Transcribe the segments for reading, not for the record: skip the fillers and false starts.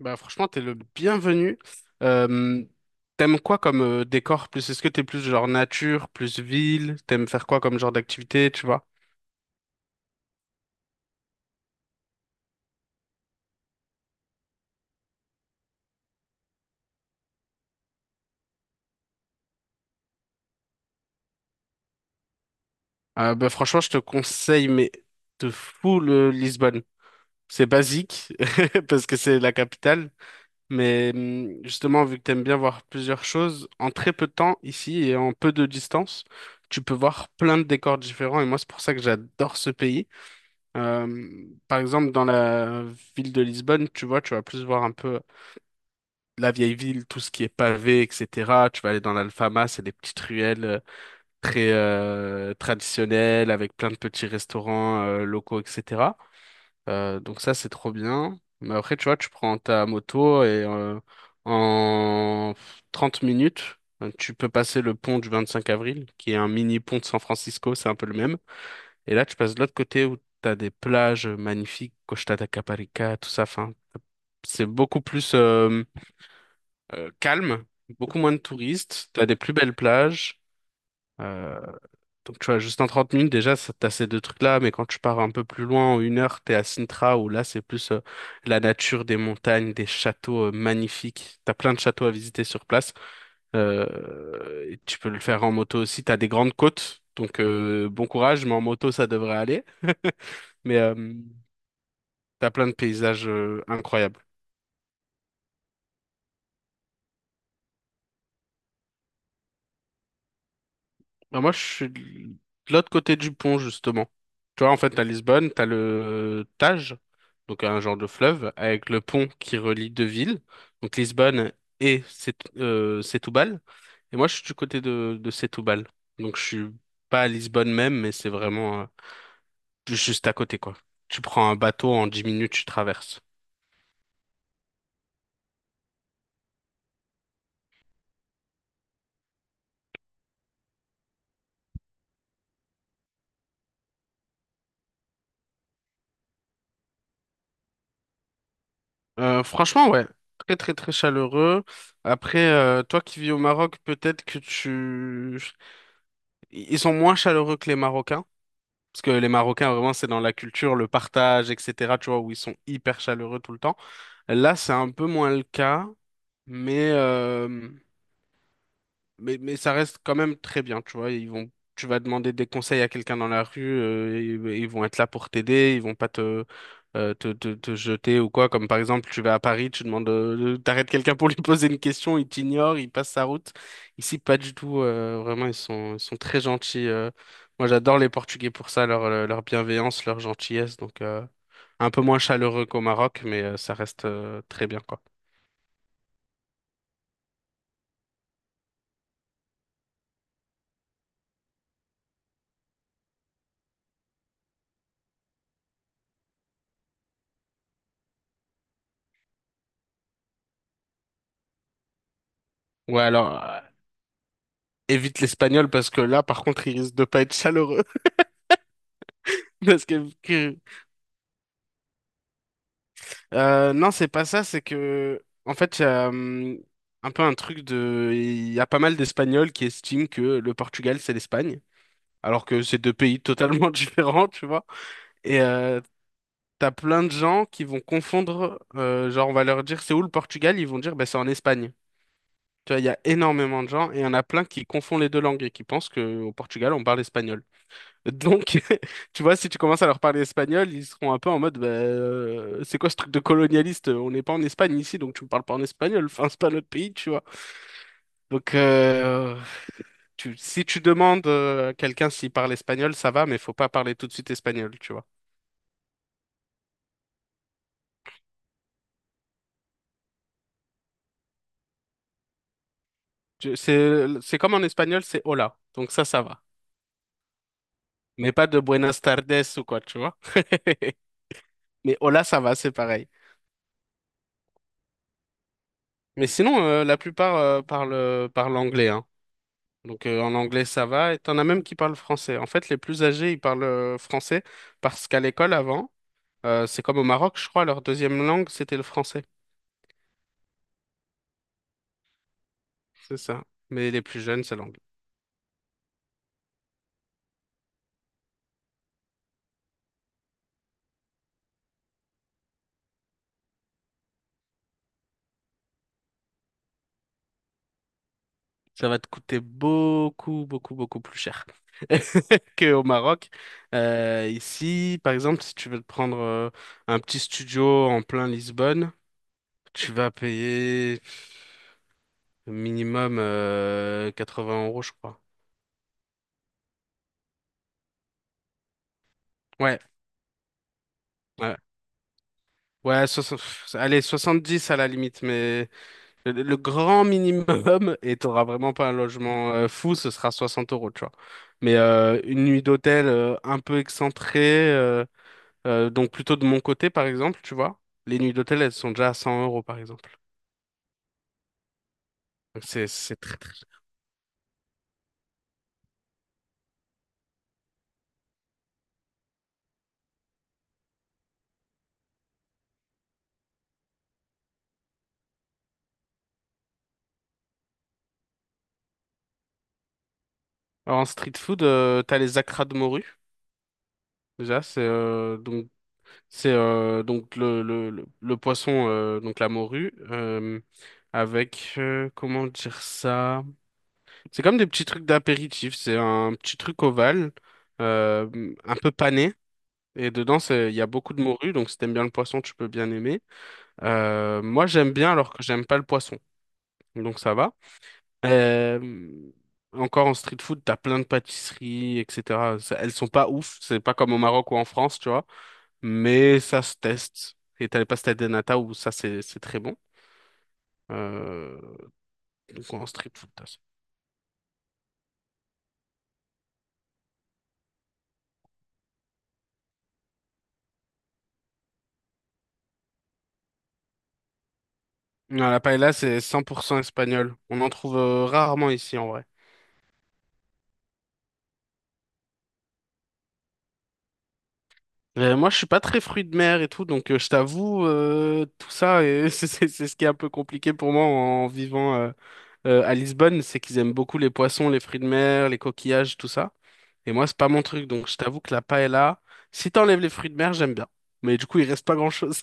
Bah franchement, t'es le bienvenu. Euh, t'aimes quoi comme décor plus? Est-ce que t'es plus genre nature, plus ville? T'aimes faire quoi comme genre d'activité, tu vois? Bah franchement, je te conseille, mais de fou le Lisbonne. C'est basique parce que c'est la capitale, mais justement, vu que t'aimes bien voir plusieurs choses, en très peu de temps ici et en peu de distance, tu peux voir plein de décors différents. Et moi, c'est pour ça que j'adore ce pays. Par exemple, dans la ville de Lisbonne, tu vois, tu vas plus voir un peu la vieille ville, tout ce qui est pavé, etc. Tu vas aller dans l'Alfama, c'est des petites ruelles très traditionnelles, avec plein de petits restaurants locaux, etc. Donc ça, c'est trop bien. Mais après, tu vois, tu prends ta moto et en 30 minutes, tu peux passer le pont du 25 avril, qui est un mini pont de San Francisco, c'est un peu le même. Et là, tu passes de l'autre côté où tu as des plages magnifiques, Costa da Caparica, tout ça. Enfin, c'est beaucoup plus calme, beaucoup moins de touristes. Tu as des plus belles plages. Euh, donc, tu vois, juste en 30 minutes, déjà, t'as ces deux trucs-là. Mais quand tu pars un peu plus loin, en une heure, t'es à Sintra, où là, c'est plus la nature, des montagnes, des châteaux magnifiques. T'as plein de châteaux à visiter sur place. Et tu peux le faire en moto aussi. T'as des grandes côtes. Donc, bon courage, mais en moto, ça devrait aller. Mais t'as plein de paysages incroyables. Bah, moi, je suis de l'autre côté du pont, justement. Tu vois, en fait, à Lisbonne, t'as le Tage, donc un genre de fleuve, avec le pont qui relie deux villes, donc Lisbonne et Setúbal. Et moi, je suis du côté de Setúbal. Donc, je suis pas à Lisbonne même, mais c'est vraiment juste à côté, quoi. Tu prends un bateau, en 10 minutes, tu traverses. Franchement, ouais. Très, très, très chaleureux. Après, toi qui vis au Maroc, peut-être que tu... Ils sont moins chaleureux que les Marocains. Parce que les Marocains, vraiment, c'est dans la culture, le partage, etc. Tu vois, où ils sont hyper chaleureux tout le temps. Là, c'est un peu moins le cas. Mais, euh, mais, mais, ça reste quand même très bien, tu vois. Ils vont, tu vas demander des conseils à quelqu'un dans la rue, ils vont être là pour t'aider, ils vont pas te jeter ou quoi. Comme par exemple, tu vas à Paris, tu demandes, t'arrêtes quelqu'un pour lui poser une question, il t'ignore, il passe sa route. Ici, pas du tout. Vraiment, ils sont très gentils. Moi, j'adore les Portugais pour ça, leur bienveillance, leur gentillesse. Donc, un peu moins chaleureux qu'au Maroc, mais ça reste très bien, quoi. Ouais, alors, évite l'espagnol parce que là, par contre, il risque de pas être chaleureux. Parce que, que- non, c'est pas ça, c'est que, en fait, il y a un peu un truc de. Il y a pas mal d'Espagnols qui estiment que le Portugal, c'est l'Espagne, alors que c'est deux pays totalement différents, tu vois. Et t'as plein de gens qui vont confondre, genre on va leur dire c'est où le Portugal, ils vont dire bah, c'est en Espagne. Tu vois, il y a énormément de gens et il y en a plein qui confondent les deux langues et qui pensent qu'au Portugal on parle espagnol. Donc, tu vois, si tu commences à leur parler espagnol, ils seront un peu en mode bah, c'est quoi ce truc de colonialiste? On n'est pas en Espagne ici, donc tu me parles pas en espagnol, enfin c'est pas notre pays, tu vois. Donc, si tu demandes à quelqu'un s'il parle espagnol, ça va, mais faut pas parler tout de suite espagnol, tu vois. C'est comme en espagnol, c'est hola, donc ça va. Mais pas de Buenas tardes ou quoi, tu vois. Mais hola, ça va, c'est pareil. Mais sinon, la plupart parlent anglais, hein. Donc en anglais, ça va. Et t'en as même qui parlent français. En fait, les plus âgés, ils parlent français parce qu'à l'école, avant, c'est comme au Maroc, je crois, leur deuxième langue, c'était le français. C'est ça. Mais les plus jeunes, c'est l'anglais. Ça va te coûter beaucoup, beaucoup, beaucoup plus cher qu'au Maroc. Ici, par exemple, si tu veux te prendre un petit studio en plein Lisbonne, tu vas payer minimum 80 euros, je crois. Ouais, ouais. Ouais, allez, 70 à la limite, mais le grand minimum, et t'auras vraiment pas un logement fou, ce sera 60 euros, tu vois. Mais une nuit d'hôtel un peu excentrée, donc plutôt de mon côté, par exemple, tu vois. Les nuits d'hôtel, elles sont déjà à 100 euros, par exemple. Donc c'est très très. Alors, en street food, t'as les accras de morue. Déjà. C'est donc le poisson, donc la morue, avec, comment dire ça? C'est comme des petits trucs d'apéritif, c'est un petit truc ovale, un peu pané, et dedans, il y a beaucoup de morue, donc si t'aimes bien le poisson, tu peux bien aimer. Moi, j'aime bien alors que j'aime pas le poisson, donc ça va. Euh, encore en street food, t'as plein de pâtisseries, etc. Elles sont pas ouf, c'est pas comme au Maroc ou en France, tu vois mais ça se teste. Et t'as les pastas de nata où ça, c'est très bon. Euh, donc en street food, t'as ça. Non, la paella, c'est 100% espagnol. On en trouve rarement ici, en vrai. Moi, je suis pas très fruit de mer et tout, donc je t'avoue, tout ça, et c'est ce qui est un peu compliqué pour moi en vivant à Lisbonne, c'est qu'ils aiment beaucoup les poissons, les fruits de mer, les coquillages, tout ça. Et moi, c'est pas mon truc, donc je t'avoue que la paella, si t'enlèves les fruits de mer, j'aime bien. Mais du coup, il reste pas grand-chose.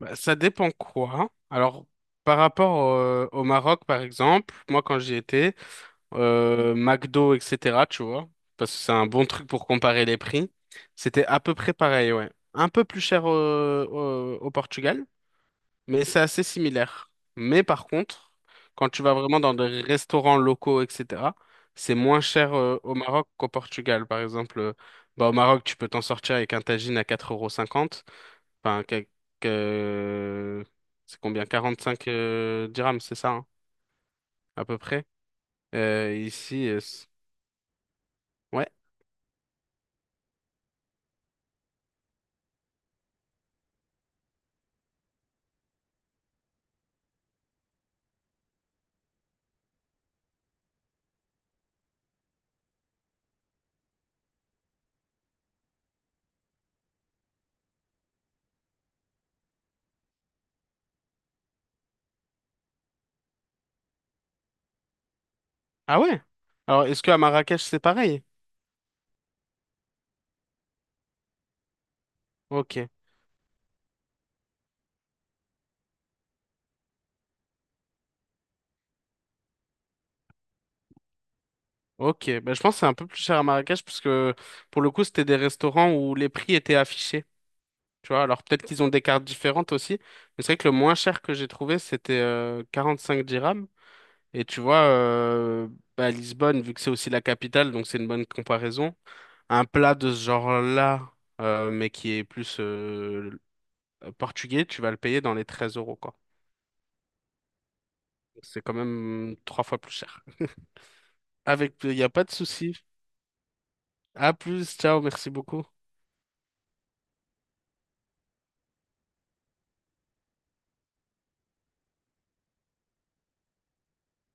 Bah, ça dépend quoi. Hein. Alors, par rapport au Maroc, par exemple, moi, quand j'y étais, McDo, etc., tu vois, parce que c'est un bon truc pour comparer les prix, c'était à peu près pareil, ouais. Un peu plus cher au Portugal, mais c'est assez similaire. Mais par contre, quand tu vas vraiment dans des restaurants locaux, etc., c'est moins cher au Maroc qu'au Portugal. Par exemple, bah, au Maroc, tu peux t'en sortir avec un tagine à 4,50 €. Enfin, quelques... euh, c'est combien? 45 dirhams, c'est ça, hein, à peu près. Euh, ici, euh, c- ouais. Ah ouais? Alors, est-ce qu'à Marrakech, c'est pareil? Ok. Ok. Bah, je pense que c'est un peu plus cher à Marrakech parce que pour le coup, c'était des restaurants où les prix étaient affichés. Tu vois, alors peut-être qu'ils ont des cartes différentes aussi. Mais c'est vrai que le moins cher que j'ai trouvé, c'était 5 dirhams. Et tu vois, bah, Lisbonne, vu que c'est aussi la capitale, donc c'est une bonne comparaison. Un plat de ce genre-là, mais qui est plus portugais, tu vas le payer dans les 13 euros, quoi. C'est quand même trois fois plus cher. Avec, il n'y a pas de souci. À plus, ciao, merci beaucoup.